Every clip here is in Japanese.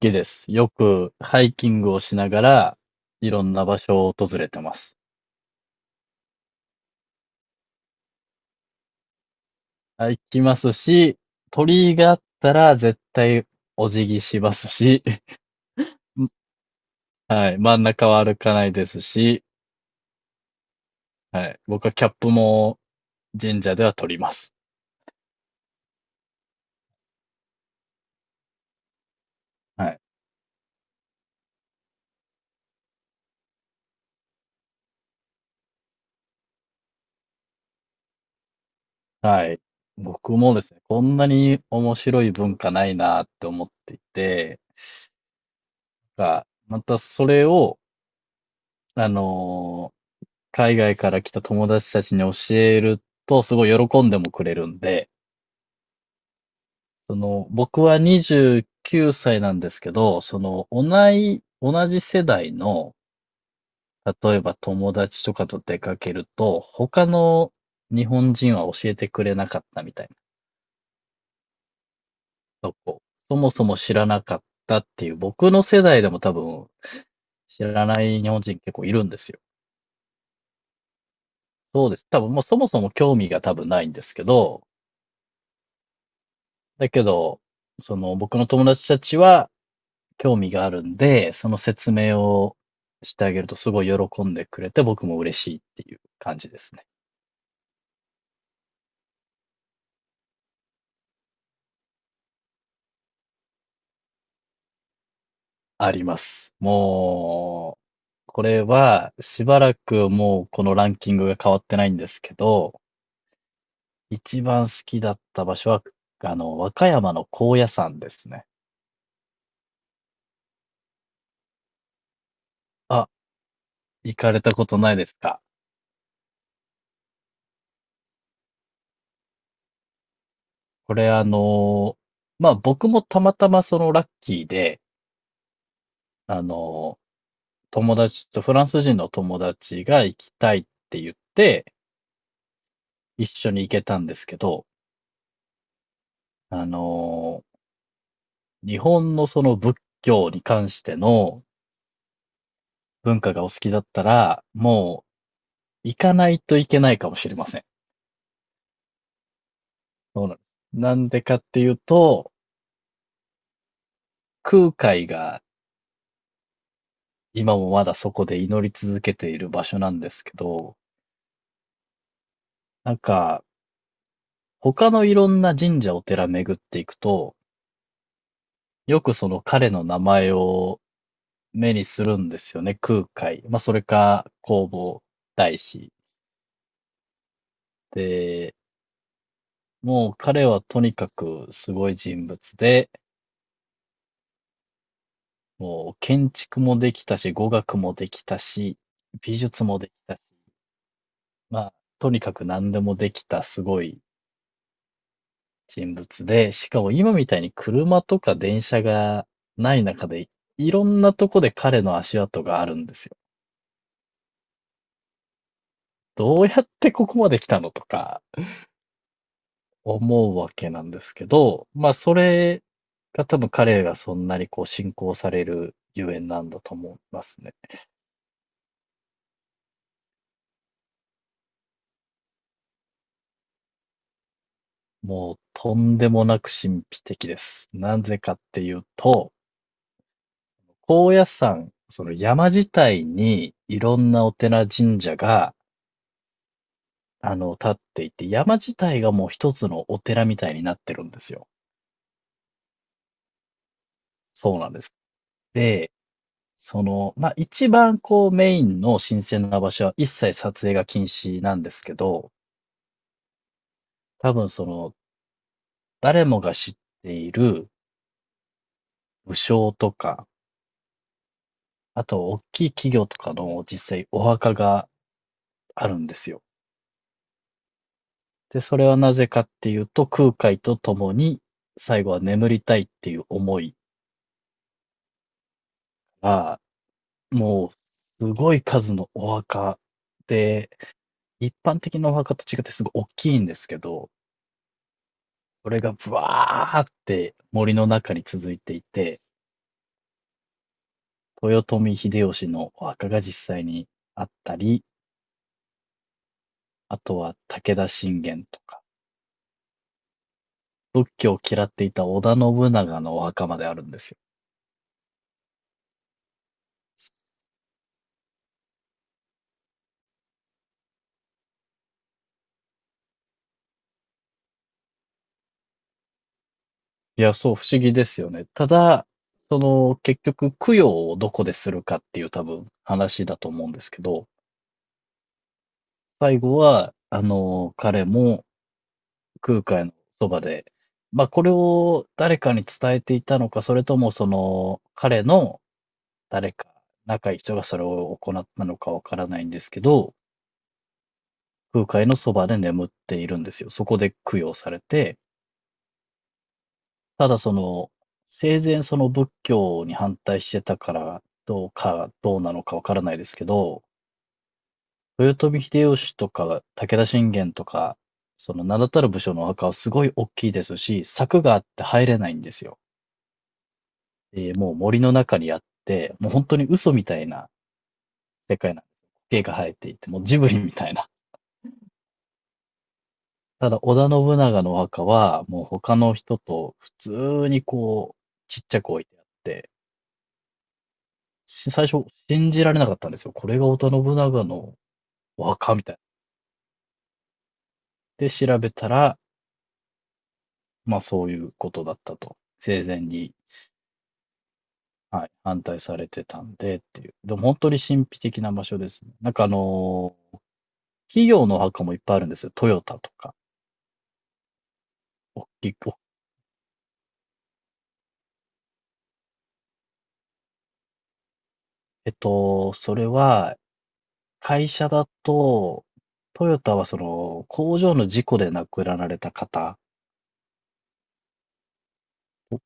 きです。よくハイキングをしながら、いろんな場所を訪れてます。あ、行きますし、鳥居があったら絶対お辞儀しますし、はい、真ん中は歩かないですし、はい、僕はキャップも神社では取ります。はい。はい。僕もですね、こんなに面白い文化ないなって思っていて、が、またそれを、あの海外から来た友達たちに教えると、すごい喜んでもくれるんで、その、僕は29歳なんですけど、その、同じ世代の、例えば友達とかと出かけると、他の日本人は教えてくれなかったみたいなとこ、そもそも知らなかったっていう、僕の世代でも多分知らない日本人結構いるんですよ。そうです。多分もうそもそも興味が多分ないんですけど、だけど、その僕の友達たちは、興味があるんで、その説明をしてあげるとすごい喜んでくれて、僕も嬉しいっていう感じですね。あります。もう、これはしばらくもうこのランキングが変わってないんですけど、一番好きだった場所は、あの、和歌山の高野山ですね。あ、行かれたことないですか。これあの、まあ僕もたまたまそのラッキーで、あの、友達と、フランス人の友達が行きたいって言って、一緒に行けたんですけど、あのー日本のその仏教に関しての文化がお好きだったら、もう行かないといけないかもしれません。そうなんです。なんでかっていうと、空海が今もまだそこで祈り続けている場所なんですけど、なんか、他のいろんな神社お寺巡っていくと、よくその彼の名前を目にするんですよね、空海。まあ、それか、弘法大師。で、もう彼はとにかくすごい人物で、もう建築もできたし、語学もできたし、美術もできたし、まあ、とにかく何でもできたすごい人物で、しかも今みたいに車とか電車がない中で、いろんなとこで彼の足跡があるんですよ。どうやってここまで来たのとか、思うわけなんですけど、まあそれが多分彼がそんなにこう信仰されるゆえんなんだと思いますね。もうとんでもなく神秘的です。なぜかっていうと、高野山、その山自体にいろんなお寺神社が、あの、立っていて、山自体がもう一つのお寺みたいになってるんですよ。そうなんです。で、その、まあ、一番こうメインの神聖な場所は一切撮影が禁止なんですけど、多分その、誰もが知っている武将とか、あと大きい企業とかの実際お墓があるんですよ。で、それはなぜかっていうと、空海と共に最後は眠りたいっていう思いが、もうすごい数のお墓で、一般的なお墓と違ってすごい大きいんですけど、それがブワーって森の中に続いていて、豊臣秀吉のお墓が実際にあったり、あとは武田信玄とか、仏教を嫌っていた織田信長のお墓まであるんですよ。いや、そう、不思議ですよね。ただ、その、結局、供養をどこでするかっていう多分話だと思うんですけど、最後は、あの、彼も空海のそばで、まあ、これを誰かに伝えていたのか、それともその、彼の誰か、仲いい人がそれを行ったのかわからないんですけど、空海のそばで眠っているんですよ。そこで供養されて、ただその、生前その仏教に反対してたからどうか、どうなのかわからないですけど、豊臣秀吉とか武田信玄とか、その名だたる武将のお墓はすごい大きいですし、柵があって入れないんですよ。えーもう森の中にあって、もう本当に嘘みたいな世界なんです。苔が生えていて、もうジブリみたいな。ただ織田信長のお墓は、もう他の人と普通にこう、ちっちゃく置いてあって、し最初信じられなかったんですよ。これが織田信長のお墓みたい。で、調べたら、まあそういうことだったと。生前に、はい、反対されてたんでっていう。でも本当に神秘的な場所ですね。なんか企業のお墓もいっぱいあるんですよ。トヨタとか。おっきく。えっと、それは、会社だと、トヨタはその工場の事故で亡くなられた方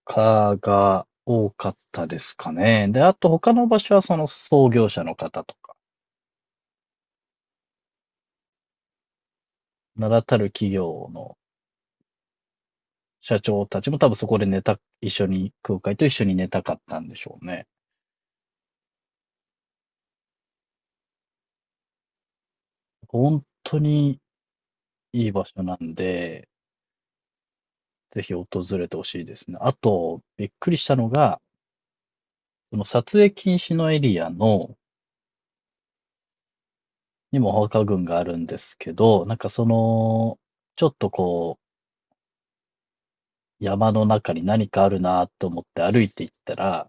かが多かったですかね。で、あと他の場所はその創業者の方とか、名だたる企業の社長たちも多分そこで一緒に、空海と一緒に寝たかったんでしょうね。本当にいい場所なんで、ぜひ訪れてほしいですね。あと、びっくりしたのが、その撮影禁止のエリアの、にもお墓群があるんですけど、なんかその、ちょっとこう、山の中に何かあるなと思って歩いていったら、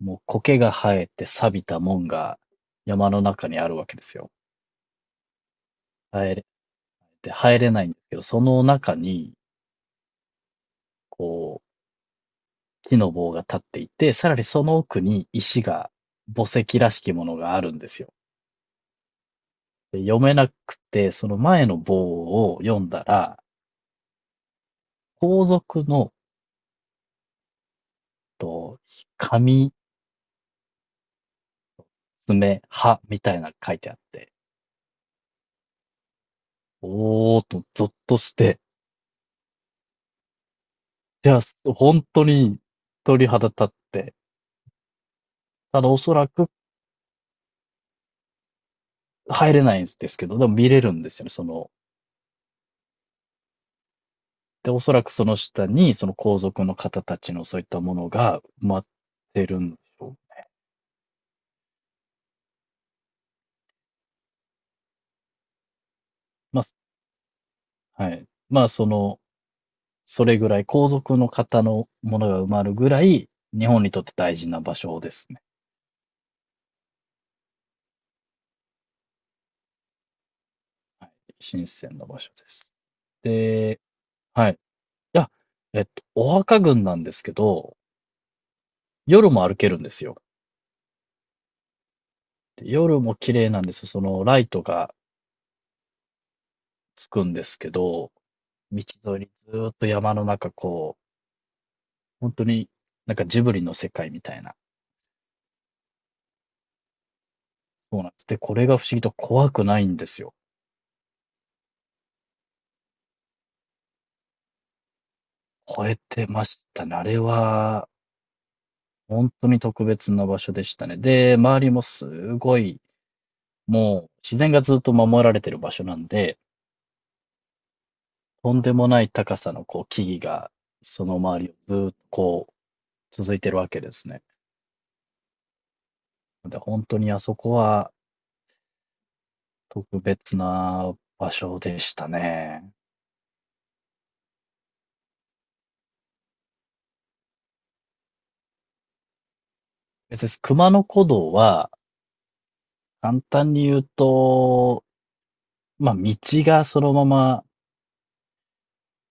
もう苔が生えて錆びた門が山の中にあるわけですよ。入れ、で、入れないんですけど、その中に、こう、木の棒が立っていて、さらにその奥に石が、墓石らしきものがあるんですよ。で読めなくて、その前の棒を読んだら、皇族の、と、紙、爪、歯みたいなのが書いてあって、おーっと、ゾッとして、いや、本当に鳥肌立って、ただおそらく入れないんですけど、でも見れるんですよね、その。で、おそらくその下に、その皇族の方たちのそういったものが埋まってるんでしょう。まあ、はい。まあ、その、それぐらい、皇族の方のものが埋まるぐらい、日本にとって大事な場所ですね。はい。神聖な場所です。で、はい。あ、えっと、お墓群なんですけど、夜も歩けるんですよ。で夜も綺麗なんですよ。そのライトがつくんですけど、道沿いにずーっと山の中、こう、本当に、なんかジブリの世界みたいな。そうなんです。で、これが不思議と怖くないんですよ。超えてましたね。あれは、本当に特別な場所でしたね。で、周りもすごい、もう自然がずっと守られてる場所なんで、とんでもない高さのこう木々が、その周りをずーっとこう、続いてるわけですね。で、本当にあそこは特別な場所でしたね。別にす熊野古道は簡単に言うと、まあ、道がそのまま、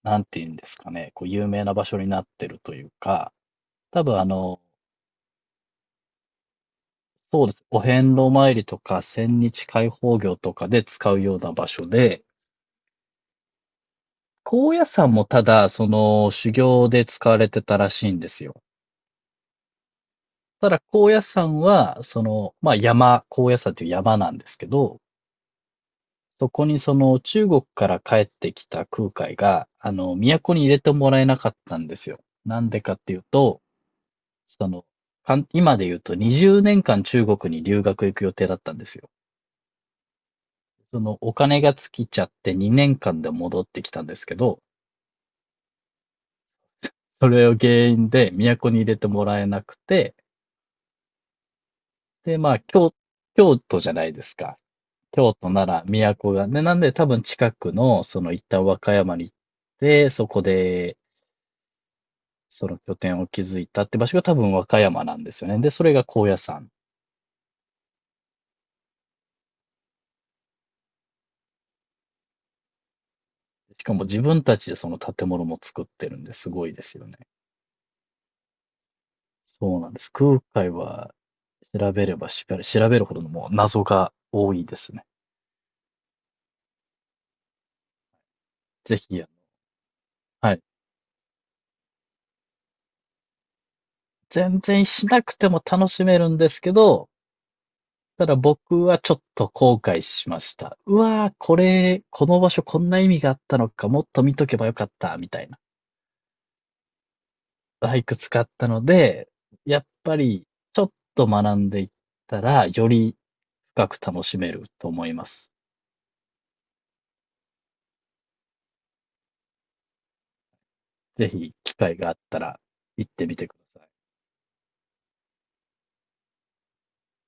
なんて言うんですかね、こう、有名な場所になってるというか、多分あの、そうです。お遍路参りとか、千日開放行とかで使うような場所で、高野山もただ、その、修行で使われてたらしいんですよ。ただ、高野山は、その、まあ、山、高野山という山なんですけど、そこにその中国から帰ってきた空海が、あの、都に入れてもらえなかったんですよ。なんでかっていうと、その、かん今で言うと20年間中国に留学行く予定だったんですよ。そのお金が尽きちゃって2年間で戻ってきたんですけど、それを原因で都に入れてもらえなくて、で、まあ、京、京都じゃないですか。京都なら都が。ね、なんで多分近くの、その一旦和歌山に行って、そこでその拠点を築いたって場所が多分和歌山なんですよね。で、それが高野山。しかも自分たちでその建物も作ってるんですごいですよね。そうなんです。空海は調べればしっかり調べるほどのもう謎が多いですね。ぜひ、あのはい。全然しなくても楽しめるんですけど、ただ僕はちょっと後悔しました。うわー、これ、この場所こんな意味があったのか、もっと見とけばよかった、みたいな。バイク使ったので、やっぱりちょっと学んでいったら、より深く楽しめると思います。ぜひ機会があったら行ってみてください。